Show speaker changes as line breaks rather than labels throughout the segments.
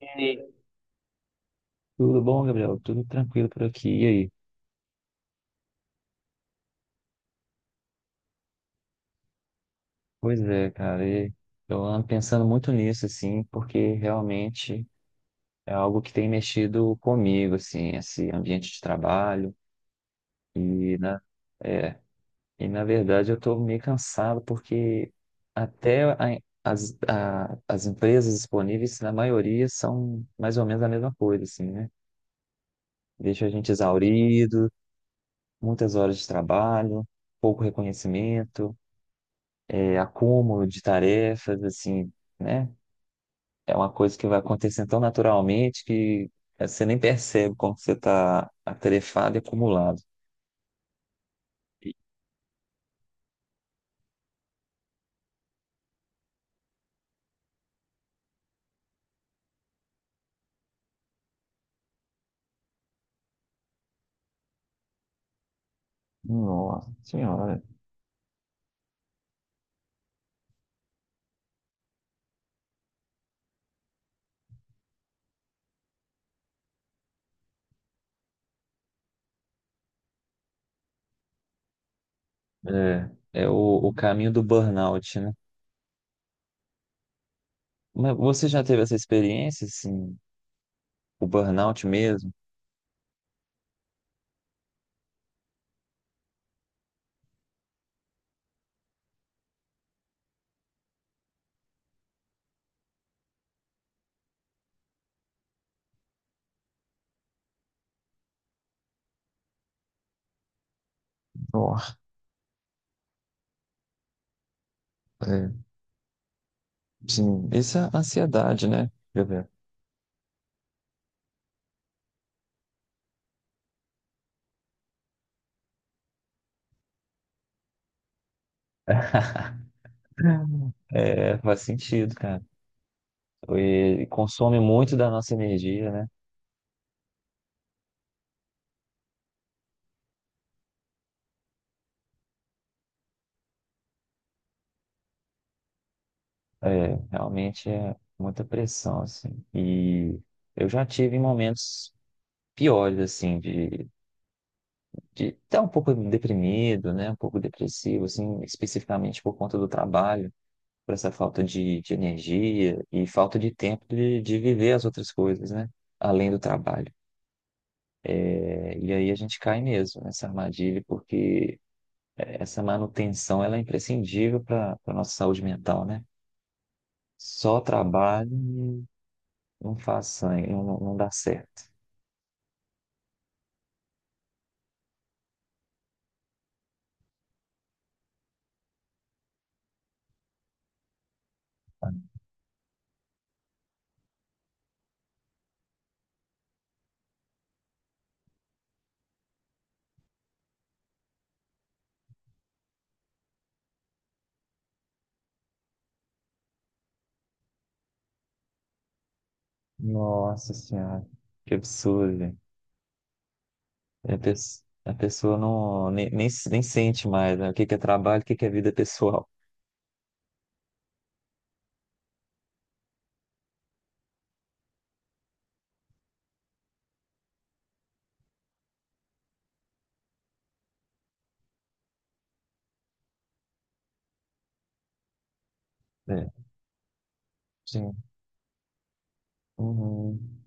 E aí? Tudo bom, Gabriel? Tudo tranquilo por aqui. E aí? Pois é, cara. Eu ando pensando muito nisso, assim, porque realmente é algo que tem mexido comigo, assim, esse ambiente de trabalho. E na, é, na verdade, eu estou meio cansado, porque até a- as empresas disponíveis, na maioria, são mais ou menos a mesma coisa, assim, né? Deixa a gente exaurido, muitas horas de trabalho, pouco reconhecimento. Acúmulo de tarefas, assim, né? É uma coisa que vai acontecendo tão naturalmente que você nem percebe como você está atarefado e acumulado. Nossa senhora. É, é o caminho do burnout, né? Mas você já teve essa experiência, assim, o burnout mesmo? Nossa, é, sim. Isso é ansiedade, né? Quer dizer, É, faz sentido, cara. E consome muito da nossa energia, né? É, realmente é muita pressão, assim. E eu já tive momentos piores, assim, de estar um pouco deprimido, né? Um pouco depressivo, assim, especificamente por conta do trabalho, por essa falta de energia e falta de tempo de viver as outras coisas, né? Além do trabalho. É, e aí a gente cai mesmo nessa armadilha, porque essa manutenção, ela é imprescindível para a nossa saúde mental, né? Só trabalho não faz sangue, não, não dá certo. Nossa Senhora, que absurdo, velho. A pessoa não, nem sente mais, né? O que que é trabalho, o que que é vida pessoal. É, sim. Uhum.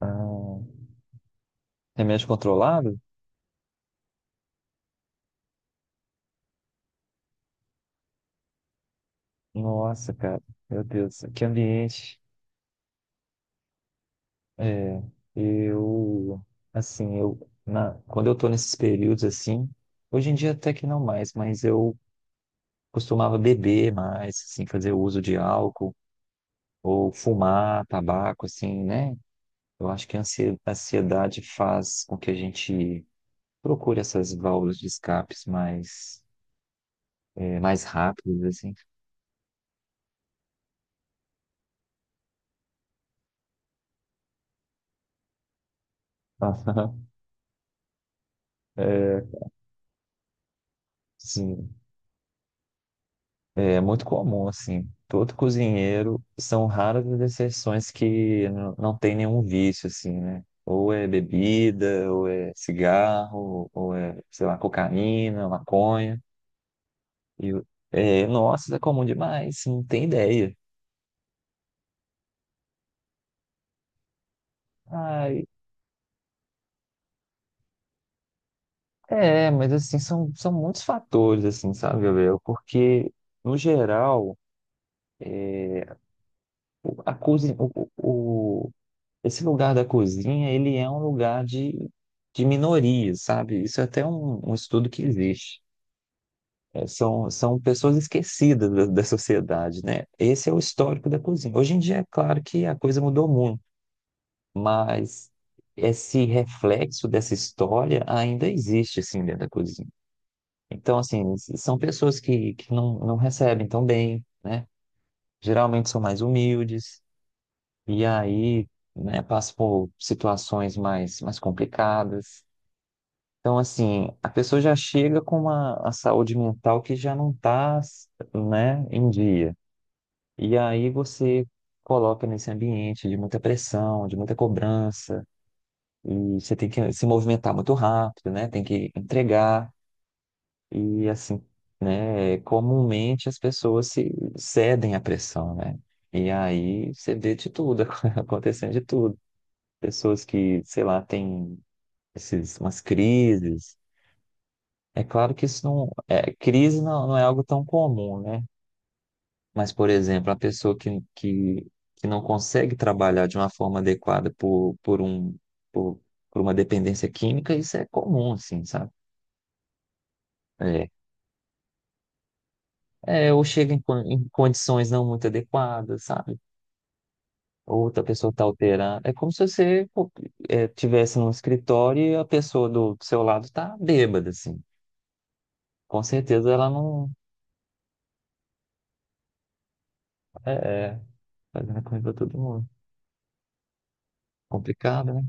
Ah, remédio controlado? Nossa, cara, meu Deus, que ambiente. É, eu, assim, eu, na, quando eu tô nesses períodos assim, hoje em dia até que não mais, mas eu costumava beber mais, assim, fazer uso de álcool ou fumar tabaco, assim, né? Eu acho que a ansiedade faz com que a gente procure essas válvulas de escapes mais, mais rápidas, assim. É, sim, é muito comum, assim. Todo cozinheiro, são raras as exceções que não tem nenhum vício, assim, né? Ou é bebida, ou é cigarro, ou é, sei lá, cocaína, maconha. E, o- Nossa, isso é comum demais, não tem ideia. Ai, é, mas assim, são muitos fatores, assim, sabe, Gabriel? Porque, no geral, a cozinha, esse lugar da cozinha, ele é um lugar de minorias, sabe? Isso é até um, um estudo que existe. É, são pessoas esquecidas da, da sociedade, né? Esse é o histórico da cozinha. Hoje em dia, é claro que a coisa mudou muito, mas esse reflexo dessa história ainda existe, assim, dentro da cozinha. Então, assim, são pessoas que não, não recebem tão bem, né? Geralmente são mais humildes, e aí, né, passam por situações mais, mais complicadas. Então, assim, a pessoa já chega com uma, a saúde mental que já não está, né, em dia. E aí você coloca nesse ambiente de muita pressão, de muita cobrança, e você tem que se movimentar muito rápido, né? Tem que entregar. E assim, né, comumente as pessoas se cedem à pressão, né? E aí você vê de tudo, acontecendo de tudo. Pessoas que, sei lá, têm esses, umas crises. É claro que isso não é, crise não, não é algo tão comum, né? Mas, por exemplo, a pessoa que não consegue trabalhar de uma forma adequada por um, por, por uma dependência química, isso é comum, assim, sabe? É, é, ou chega em, em condições não muito adequadas, sabe? Outra pessoa está alterando. É como se você pô, é, tivesse num escritório e a pessoa do seu lado está bêbada, assim. Com certeza ela não é, é fazendo comida pra todo mundo. Complicado, né?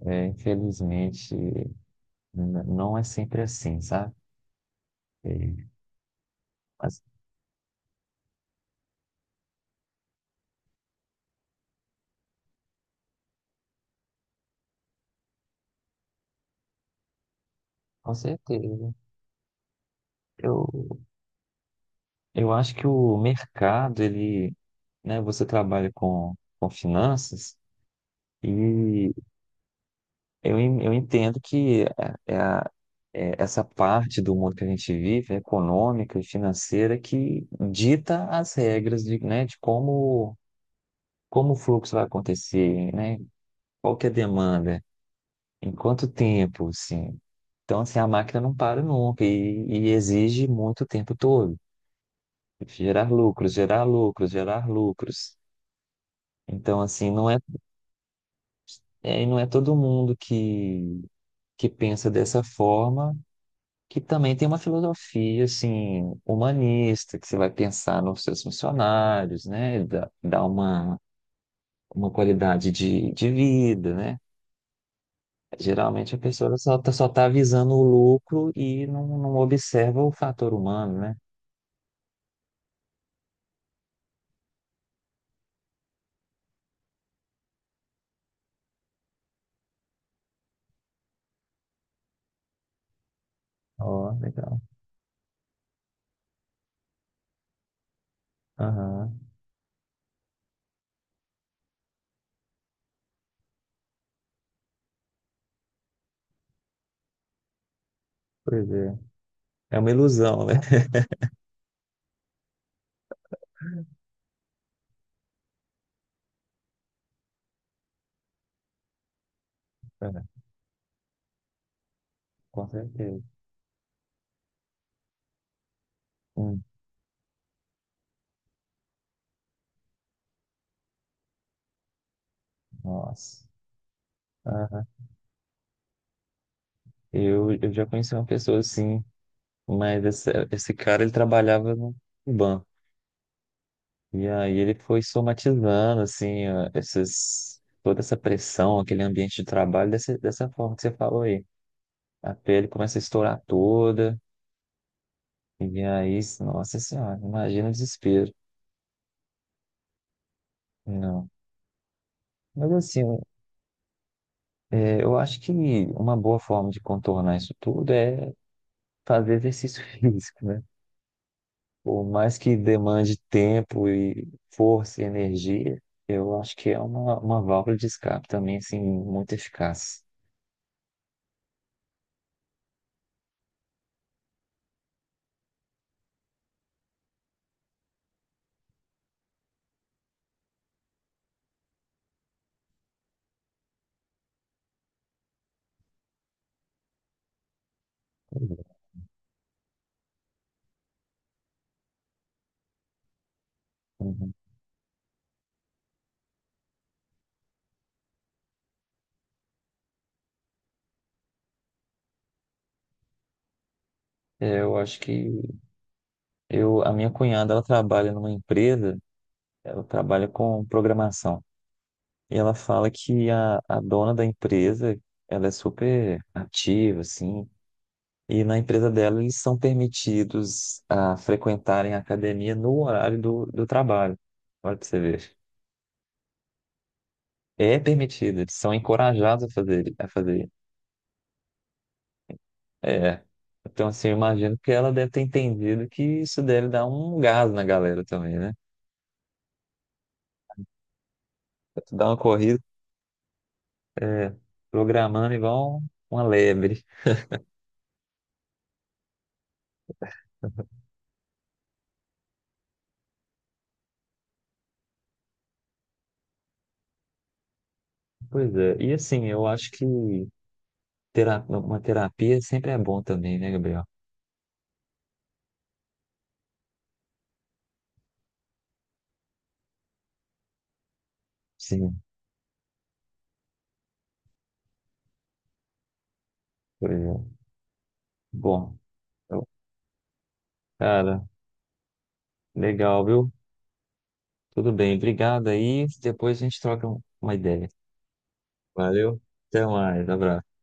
É, infelizmente, não é sempre assim, sabe? É, mas com certeza. Eu, eu acho que o mercado, ele, né, você trabalha com finanças e eu, eu entendo que é é essa parte do mundo que a gente vive, econômica e financeira, que dita as regras de, né, de como, como o fluxo vai acontecer, né? Qual que é a demanda, em quanto tempo, assim. Então, assim, a máquina não para nunca e, e exige muito o tempo todo. Gerar lucros, gerar lucros, gerar lucros. Então, assim, não é, é, não é todo mundo que pensa dessa forma, que também tem uma filosofia assim humanista, que você vai pensar nos seus funcionários, né? Dá, dá uma qualidade de vida, né? Geralmente a pessoa só tá visando o lucro e não, não observa o fator humano, né? Ó, legal. Aham, pois é. É uma ilusão, né? É, com certeza. Hum, nossa. Aham. Eu já conheci uma pessoa assim, mas esse cara ele trabalhava no banco. E aí ele foi somatizando, assim, ó, esses, toda essa pressão, aquele ambiente de trabalho dessa, dessa forma que você falou aí. A pele começa a estourar toda, e aí, nossa senhora, imagina o desespero. Não. Mas assim, é, eu acho que uma boa forma de contornar isso tudo é fazer exercício físico, né? Por mais que demande tempo e força e energia, eu acho que é uma válvula de escape também, assim, muito eficaz. Uhum. É, Eu acho que Eu, a minha cunhada, ela trabalha numa empresa, ela trabalha com programação. E ela fala que a dona da empresa, ela é super ativa, assim. E na empresa dela, eles são permitidos a frequentarem a academia no horário do, do trabalho. Olha pra você ver. É permitido, eles são encorajados a fazer, a fazer. É. Então, assim, eu imagino que ela deve ter entendido que isso deve dar um gás na galera também, né? Dá uma corrida, é, programando igual uma lebre. Pois é, e assim, eu acho que uma terapia sempre é bom também, né, Gabriel? Sim, pois é. Bom, eu- cara, legal, viu? Tudo bem, obrigado aí. Depois a gente troca uma ideia. Valeu, até mais, abraço.